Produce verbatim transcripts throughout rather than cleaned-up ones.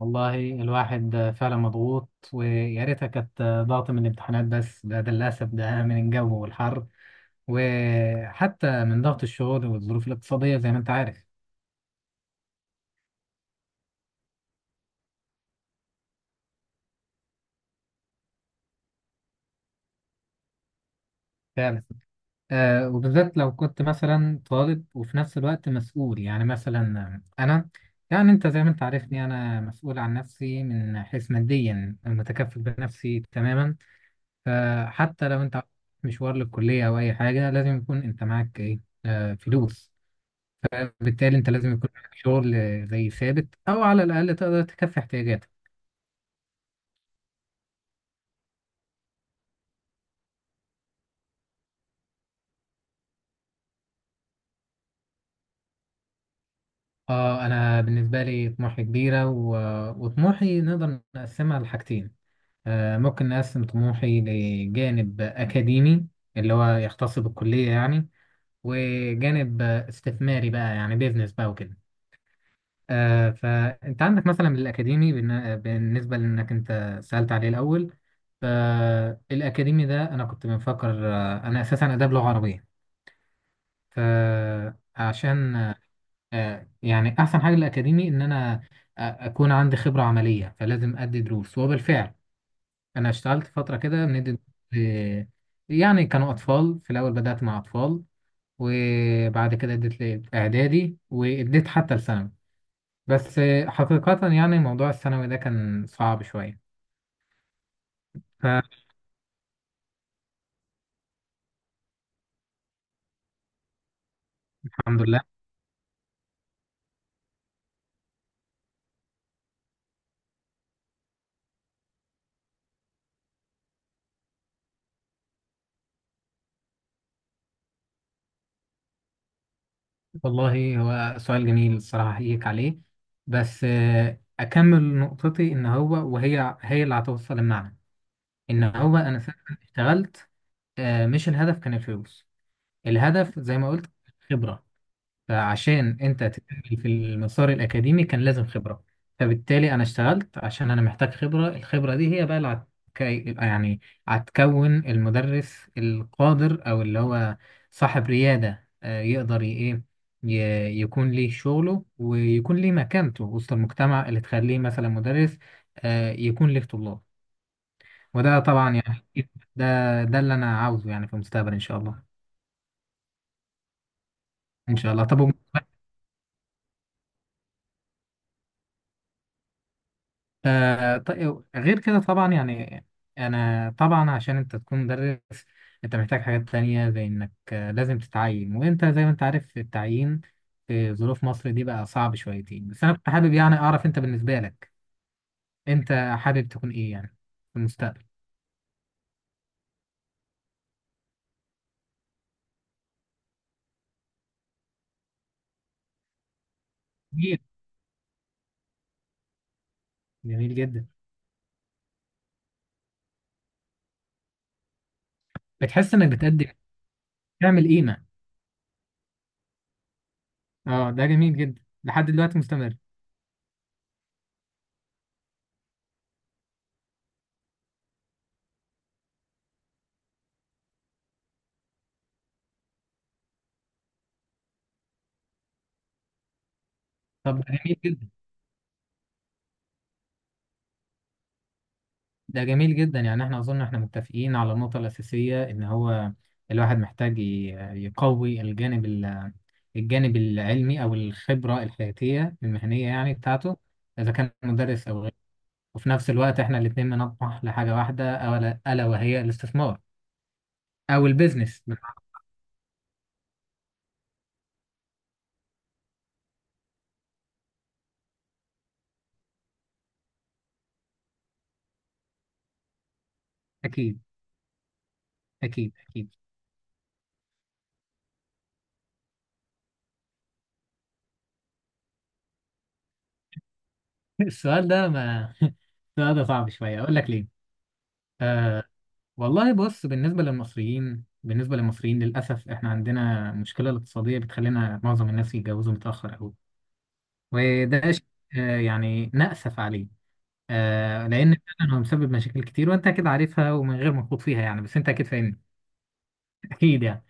والله الواحد فعلا مضغوط ويا ريتها كانت ضغط من الامتحانات، بس ده ده للأسف ده من الجو والحر، وحتى من ضغط الشغل والظروف الاقتصادية زي ما أنت عارف. فعلا. آه وبالذات لو كنت مثلا طالب وفي نفس الوقت مسؤول، يعني مثلا أنا. يعني أنت زي ما أنت عارفني، أنا مسؤول عن نفسي، من حيث ماديا متكفل بنفسي تماما. فحتى لو أنت مشوار للكلية أو أي حاجة، لازم يكون أنت معاك إيه. آه فلوس. بالتالي انت لازم يكون عندك شغل زي ثابت، او على الاقل تقدر تكفي احتياجاتك. اه، انا بالنسبه لي طموحي كبيره و... وطموحي نقدر نقسمها لحاجتين. آه ممكن نقسم طموحي لجانب اكاديمي اللي هو يختص بالكليه يعني، وجانب استثماري بقى، يعني بيزنس بقى وكده. آه فانت عندك مثلا الاكاديمي، بالن- بالنسبه لانك انت سالت عليه الاول. فالاكاديمي ده انا كنت بفكر، آه، انا اساسا اداب لغه عربيه. فعشان آه، يعني احسن حاجه للاكاديمي ان انا آه، اكون عندي خبره عمليه، فلازم ادي دروس. وبالفعل انا اشتغلت فتره كده بندي دروس. ل- يعني كانوا اطفال في الاول، بدات مع اطفال، وبعد كده اديت لاعدادي، واديت حتى لثانوي. بس آه، حقيقه يعني موضوع الثانوي ده كان صعب شويه. فالحمد لله. والله هو سؤال جميل، الصراحة أحييك عليه. بس آه، أكمل نقطتي، إن هو وهي هي اللي هتوصل المعنى، إن هو أنا فعلا اشتغلت. آه، مش الهدف كان الفلوس. الهدف زي ما قلت، الخبرة. فعشان انت تكمل في المسار الاكاديمي كان لازم خبره. فبالتالي انا اشتغلت عشان انا محتاج خبره. الخبره دي هي بقى اللي هتك... يعني هتكون المدرس القادر، او اللي هو صاحب رياده، آه، يقدر ي- ايه ي- يكون ليه شغله، ويكون ليه مكانته وسط المجتمع، اللي تخليه مثلا مدرس آه، يكون ليه طلاب. وده طبعا يعني ده ده اللي انا عاوزه يعني في المستقبل ان شاء الله. ان شاء الله. طب آه طيب، غير كده طبعا يعني انا طبعا عشان انت تكون مدرس، انت محتاج حاجات تانية، زي انك آه، لازم تتعين، وانت زي ما انت عارف التعيين في ظروف مصر دي بقى صعب شويتين. بس انا كنت حابب يعني اعرف، انت بالنسبة لك انت حابب تكون ايه يعني في المستقبل. جميل. جميل جدا. بتحس انك بتقدم، تعمل قيمة. اه، ده جميل جدا لحد دلوقتي مستمر. طب ده جميل جدا، ده جميل جدا. يعني احنا اظن احنا متفقين على النقطة الأساسية ان هو الواحد محتاج ي- يقوي الجانب ال- الجانب العلمي او الخبرة الحياتية المهنية يعني بتاعته، اذا كان مدرس او غيره. وفي نفس الوقت احنا الاتنين بنطمح لحاجة واحدة، الا ألا وهي الاستثمار او البيزنس بمعنى- اكيد. اكيد اكيد. السؤال ده ما السؤال ده صعب شوية، اقول لك ليه. آه، والله بص، بالنسبة للمصريين بالنسبة للمصريين للأسف، إحنا عندنا مشكلة الاقتصادية بتخلينا معظم الناس يتجوزوا متأخر أوي. وده شيء آه، يعني نأسف عليه. آه، لأن فعلا هو مسبب مشاكل كتير، وأنت أكيد عارفها ومن غير ما تخوض فيها يعني، بس أنت أكيد فاهمني. أكيد يعني.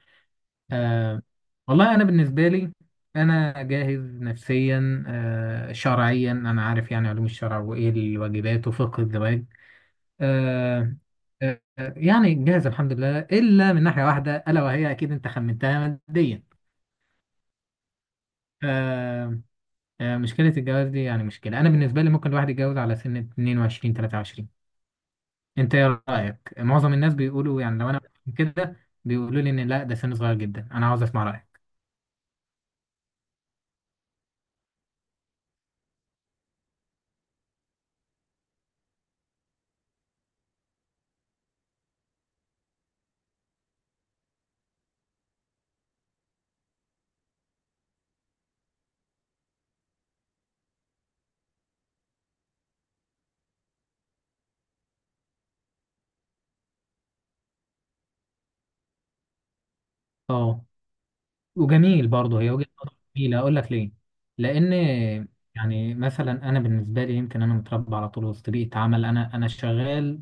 آه، والله أنا بالنسبة لي، أنا جاهز نفسيا، آه، شرعيا أنا عارف يعني علوم الشرع وإيه الواجبات وفقه الزواج. آه. آه، يعني جاهز الحمد لله، إلا من ناحية واحدة، ألا وهي أكيد أنت خمنتها، ماديا. آه. آه، مشكلة الجواز دي يعني مشكلة. أنا بالنسبة لي ممكن الواحد يتجوز على سن اتنين وعشرين تلاتة وعشرين. أنت إيه رأيك؟ معظم الناس بيقولوا يعني لو أنا كده بيقولوا لي إن لا ده سن صغير جدا، أنا عاوز أسمع رأيك. أه. وجميل برضه، هي وجهة نظر جميلة، أقول لك ليه؟ لأن يعني مثلا أنا بالنسبة لي، يمكن أنا متربى على طول وسط بيئة عمل، أنا أنا شغال.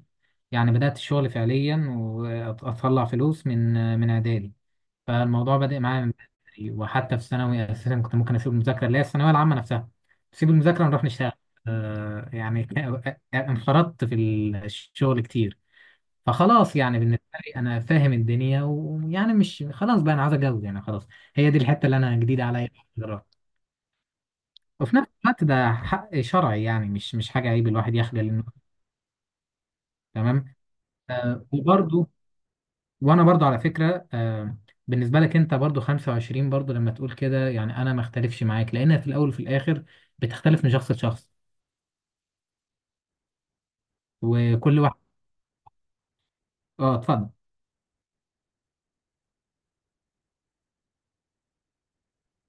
يعني بدأت الشغل فعليا وأطلع فلوس من من إعدادي. فالموضوع بدأ معايا من بدري، وحتى في ثانوي أساسا كنت ممكن أسيب المذاكرة اللي هي الثانوية العامة نفسها، أسيب المذاكرة ونروح نشتغل. آه يعني ك- آه، انخرطت في الشغل كتير. فخلاص يعني بالنسبة لي أنا فاهم الدنيا، ويعني مش خلاص بقى أنا عايز أتجوز يعني خلاص. هي دي الحتة اللي أنا جديدة عليا دلوقتي. وفي نفس الوقت ده حق شرعي يعني مش مش حاجة عيب الواحد يخجل إنه. تمام. آه، وبرضه وانا برضو على فكره، آه، بالنسبه لك انت برضو خمسة وعشرين، برضو لما تقول كده يعني انا ما اختلفش معاك، لانها في الاول وفي الاخر بتختلف من شخص لشخص، وكل واحد. اه، اتفضل.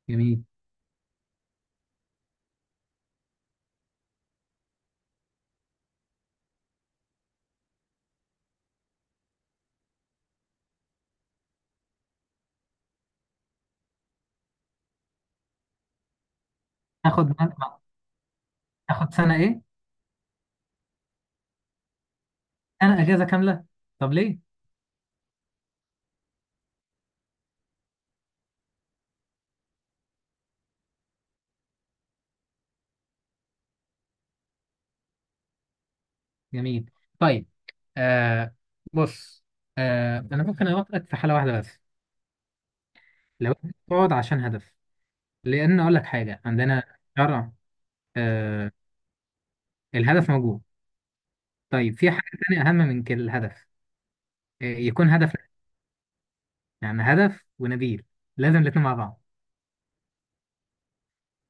جميل. تاخد تاخد سنه ايه. انا اجازه كامله. طب ليه. جميل. طيب. آه. بص. آه، انا ممكن اوافقك في حاله واحده بس. لو انت بتقعد عشان هدف. لان اقول لك حاجه عندنا شرع. آه، الهدف موجود. طيب، في حاجه تانية اهم من كده، الهدف آه، يكون هدف، يعني هدف ونبيل، لازم الاتنين مع بعض.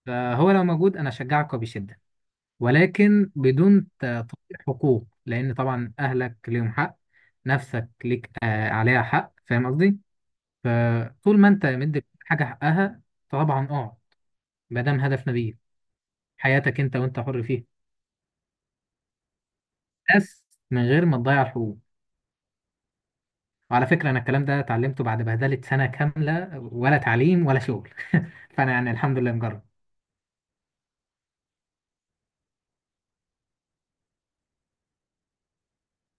فهو لو موجود انا اشجعك وبشده. ولكن بدون ت- تطبيق حقوق، لان طبعا اهلك ليهم حق، نفسك ليك آه عليها حق، فاهم قصدي. فطول ما انت مدي حاجه حقها، طبعا اه، ما دام هدف نبيل، حياتك انت وانت حر فيها، بس من غير ما تضيع الحقوق. وعلى فكره انا الكلام ده اتعلمته بعد بهدله سنه كامله، ولا تعليم ولا شغل. فانا يعني الحمد لله مجرب.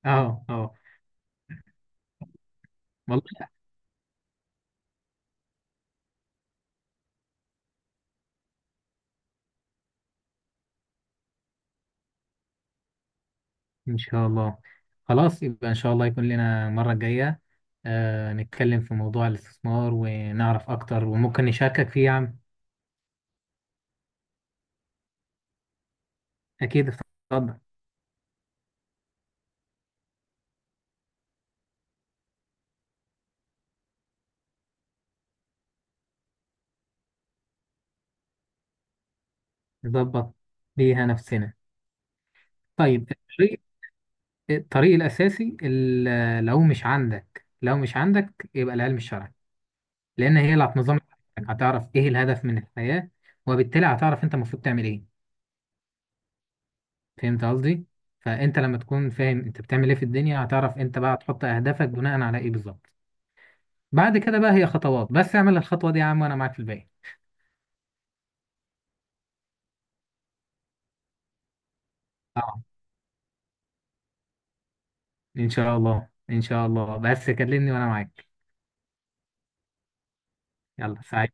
اه. اه. والله. إن شاء الله. خلاص يبقى إن شاء الله يكون لنا المرة الجاية آه نتكلم في موضوع الاستثمار ونعرف أكتر، وممكن نشاركك فيه يا عم. أكيد اتفضل. نظبط بيها نفسنا. طيب، الطريق الطريق الأساسي ال- لو مش عندك، لو مش عندك، يبقى العلم الشرعي. لأن هي اللي هتنظم حياتك. هتعرف إيه الهدف من الحياة، وبالتالي هتعرف أنت المفروض تعمل إيه. فهمت قصدي؟ فأنت لما تكون فاهم أنت بتعمل إيه في الدنيا، هتعرف أنت بقى تحط أهدافك بناء على إيه بالظبط. بعد كده بقى هي خطوات، بس اعمل الخطوة دي يا عم وانا معاك في الباقي. اه، ان شاء الله ان شاء الله، بس كلمني وانا معاك. يلا سعيد.